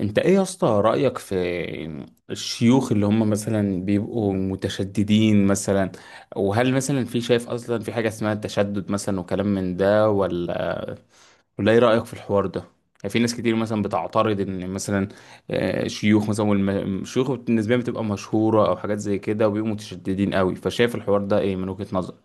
انت ايه يا اسطى رأيك في الشيوخ اللي هم مثلا بيبقوا متشددين مثلا؟ وهل مثلا في شايف اصلا في حاجة اسمها التشدد مثلا وكلام من ده ولا ايه رأيك في الحوار ده؟ يعني في ناس كتير مثلا بتعترض ان مثلا شيوخ مثلا، والشيوخ بالنسبة لهم بتبقى مشهورة او حاجات زي كده وبيبقوا متشددين قوي، فشايف الحوار ده ايه من وجهة نظرك؟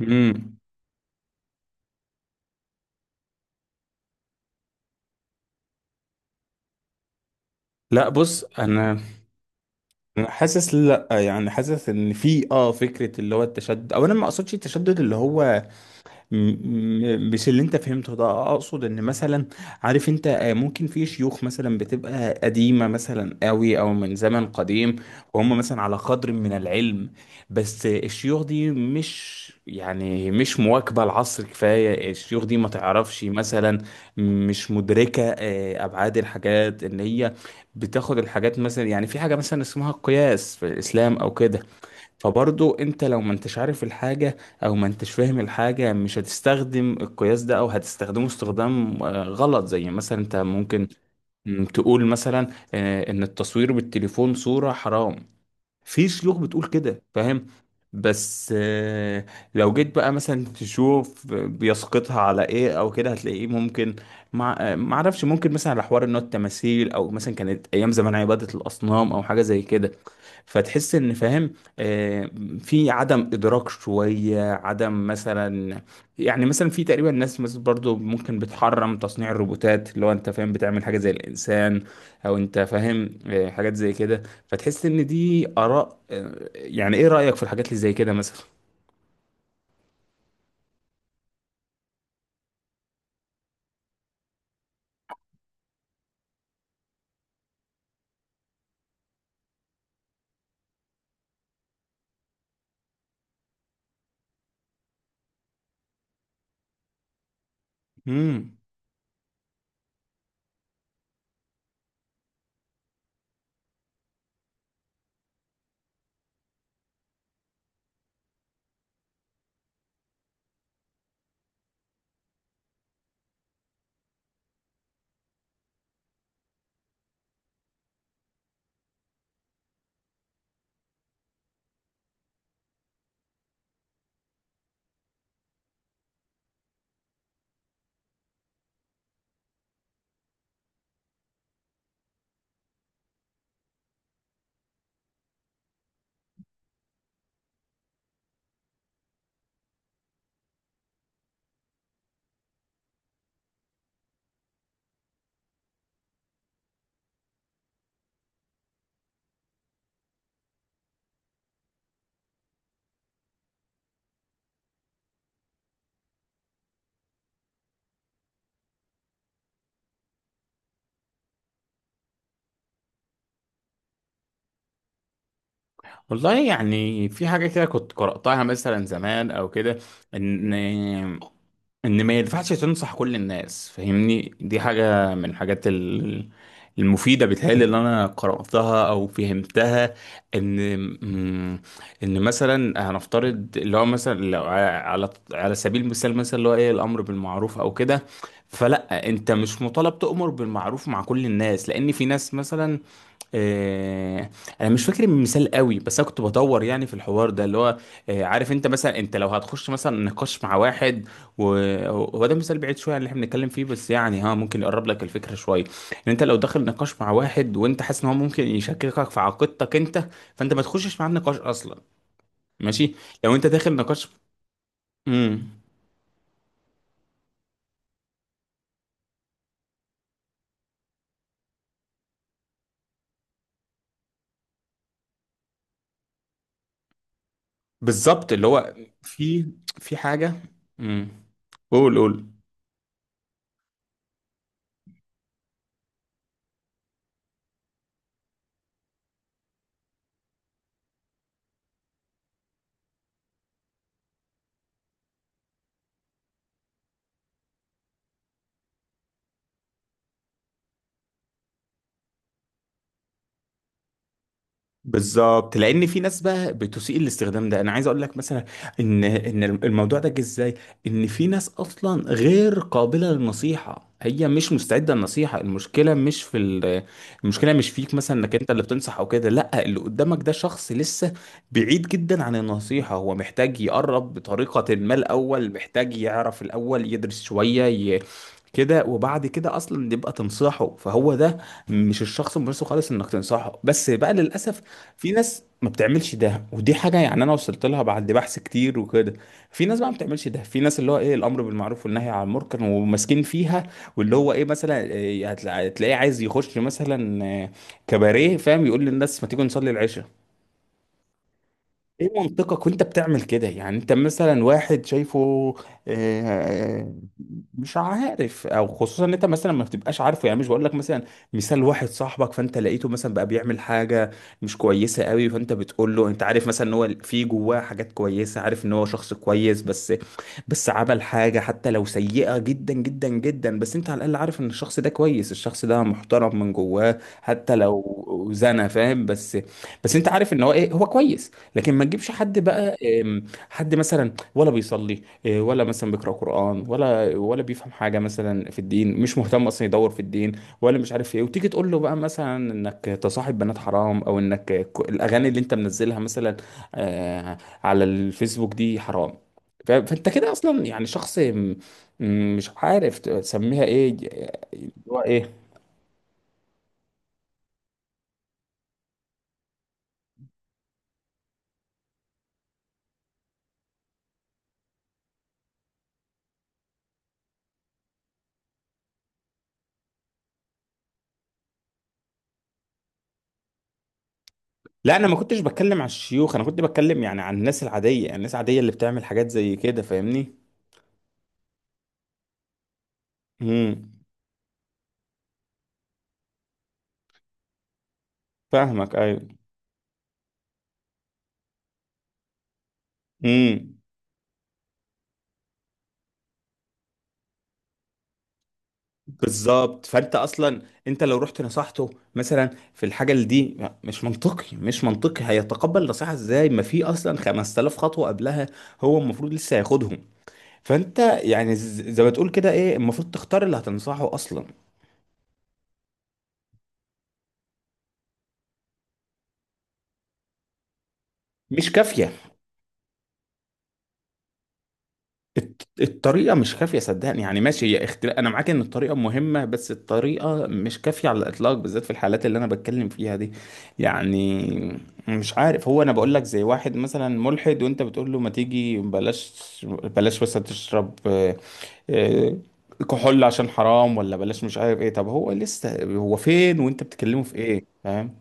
امم لا، بص، انا حاسس، لا يعني حاسس ان في فكره اللي هو التشدد، او انا ما اقصدش التشدد اللي هو مش اللي انت فهمته ده، اقصد ان مثلا، عارف انت، ممكن في شيوخ مثلا بتبقى قديمة مثلا قوي، او من زمن قديم، وهم مثلا على قدر من العلم، بس الشيوخ دي مش، يعني مش مواكبة العصر كفاية، الشيوخ دي ما تعرفش مثلا، مش مدركة ابعاد الحاجات، ان هي بتاخد الحاجات مثلا، يعني في حاجة مثلا اسمها القياس في الاسلام او كده، فبرضو انت لو ما انتش عارف الحاجة او ما انتش فاهم الحاجة مش هتستخدم القياس ده، او هتستخدمه استخدام غلط، زي مثلا انت ممكن تقول مثلا ان التصوير بالتليفون صورة حرام، في شيوخ بتقول كده فاهم. بس، لو جيت بقى مثلا تشوف بيسقطها على ايه او كده، هتلاقيه ممكن مع ما اعرفش، ممكن مثلا على حوار ان هو التماثيل، او مثلا كانت ايام زمان عبادة الاصنام او حاجة زي كده، فتحس ان فاهم، آه، في عدم ادراك شوية، عدم مثلا، يعني مثلا في تقريبا ناس مثلا برضو ممكن بتحرم تصنيع الروبوتات اللي هو انت فاهم بتعمل حاجة زي الانسان، او انت فاهم حاجات زي كده، فتحس ان دي اراء، يعني ايه رايك في الحاجات اللي زي كده مثلا؟ امم والله، يعني في حاجة كده كنت قرأتها مثلا زمان أو كده، إن ان ما ينفعش تنصح كل الناس فاهمني، دي حاجة من الحاجات المفيدة بتهيألي اللي انا قرأتها او فهمتها، ان مم، ان مثلا هنفترض اللي هو مثلا لو على سبيل المثال مثلا اللي هو ايه الامر بالمعروف او كده، فلا، انت مش مطالب تؤمر بالمعروف مع كل الناس لان في ناس مثلا، آه، انا مش فاكر المثال قوي، بس انا كنت بدور يعني في الحوار ده اللي هو، عارف انت مثلا انت لو هتخش مثلا نقاش مع واحد، وهو ده مثال بعيد شويه عن اللي احنا بنتكلم فيه بس يعني ها ممكن يقرب لك الفكره شويه، ان انت لو داخل نقاش مع واحد وانت حاسس ان هو ممكن يشككك في عقيدتك انت، فانت ما تخشش معاه النقاش اصلا. ماشي. لو انت داخل نقاش. امم. بالظبط اللي هو في في حاجه. امم. قول قول. بالظبط، لان في ناس بقى بتسيء الاستخدام ده، انا عايز اقول لك مثلا ان الموضوع ده جه ازاي، ان في ناس اصلا غير قابله للنصيحه، هي مش مستعده للنصيحه، المشكله مش فيك مثلا انك انت اللي بتنصح او كده، لا، اللي قدامك ده شخص لسه بعيد جدا عن النصيحه، هو محتاج يقرب بطريقه ما الاول، محتاج يعرف الاول، يدرس شويه كده، وبعد كده اصلا يبقى تنصحه، فهو ده مش الشخص المناسب خالص انك تنصحه، بس بقى للاسف في ناس ما بتعملش ده، ودي حاجه يعني انا وصلت لها بعد بحث كتير وكده. في ناس بقى ما بتعملش ده، في ناس اللي هو ايه الامر بالمعروف والنهي عن المنكر وماسكين فيها، واللي هو ايه مثلا إيه، هتلاقيه عايز يخش مثلا كباريه فاهم، يقول للناس ما تيجوا نصلي العشاء، ايه منطقك وانت بتعمل كده؟ يعني انت مثلا واحد شايفه، آه، مش عارف، او خصوصا ان انت مثلا ما بتبقاش عارفه، يعني مش بقول لك مثلا، مثال واحد صاحبك فانت لقيته مثلا بقى بيعمل حاجه مش كويسه قوي، فانت بتقول له انت عارف مثلا ان هو في جواه حاجات كويسه، عارف ان هو شخص كويس، بس عمل حاجه حتى لو سيئه جدا جدا جدا، بس انت على الاقل عارف ان الشخص ده كويس، الشخص ده محترم من جواه حتى لو زنى فاهم، بس انت عارف ان هو ايه، هو كويس. لكن ما تجيبش حد بقى، حد مثلا ولا بيصلي، ولا مثلا بيقرأ قرآن، ولا بيفهم حاجة مثلا في الدين، مش مهتم أصلا يدور في الدين ولا مش عارف ايه، وتيجي تقول له بقى مثلا انك تصاحب بنات حرام، او انك، الاغاني اللي انت منزلها مثلا آه، على الفيسبوك دي حرام، فانت كده اصلا يعني شخص، مش عارف تسميها ايه، اللي هو ايه. لا، انا ما كنتش بتكلم على الشيوخ، انا كنت بتكلم يعني عن الناس العاديه، الناس العاديه اللي بتعمل حاجات زي كده فاهمني. امم. فاهمك ايوه. امم. بالظبط، فانت اصلا انت لو رحت نصحته مثلا في الحاجه اللي دي، مش منطقي، مش منطقي هيتقبل نصيحه ازاي، ما في اصلا 5000 خطوه قبلها هو المفروض لسه ياخدهم، فانت يعني زي ما تقول كده ايه، المفروض تختار اللي هتنصحه اصلا. مش كافيه. الطريقة مش كافية صدقني، يعني ماشي هي اختلاف، أنا معاك إن الطريقة مهمة بس الطريقة مش كافية على الإطلاق، بالذات في الحالات اللي أنا بتكلم فيها دي، يعني مش عارف هو، أنا بقول لك زي واحد مثلا ملحد وأنت بتقول له ما تيجي بلاش بلاش مثلا تشرب، آه، كحول عشان حرام، ولا بلاش مش عارف إيه، طب هو لسه هو فين وأنت بتكلمه في إيه فاهم؟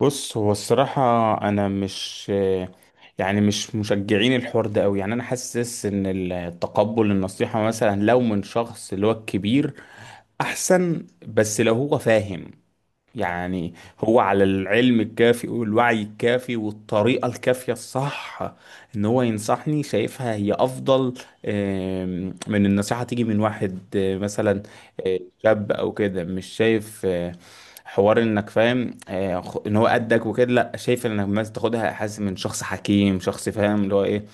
بص هو الصراحة أنا مش، يعني مش مشجعين الحوار ده أوي، يعني أنا حاسس إن التقبل النصيحة مثلا لو من شخص اللي هو الكبير أحسن، بس لو هو فاهم، يعني هو على العلم الكافي والوعي الكافي والطريقة الكافية الصح ان هو ينصحني شايفها هي افضل، من النصيحة تيجي من واحد مثلا شاب او كده، مش شايف حوار انك فاهم ان هو قدك وكده، لا، شايف انك مثلا تاخدها، حاسس من شخص حكيم، شخص فاهم اللي هو ايه،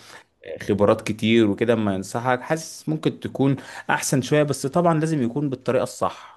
خبرات كتير وكده اما ينصحك، حاسس ممكن تكون احسن شوية، بس طبعا لازم يكون بالطريقة الصح.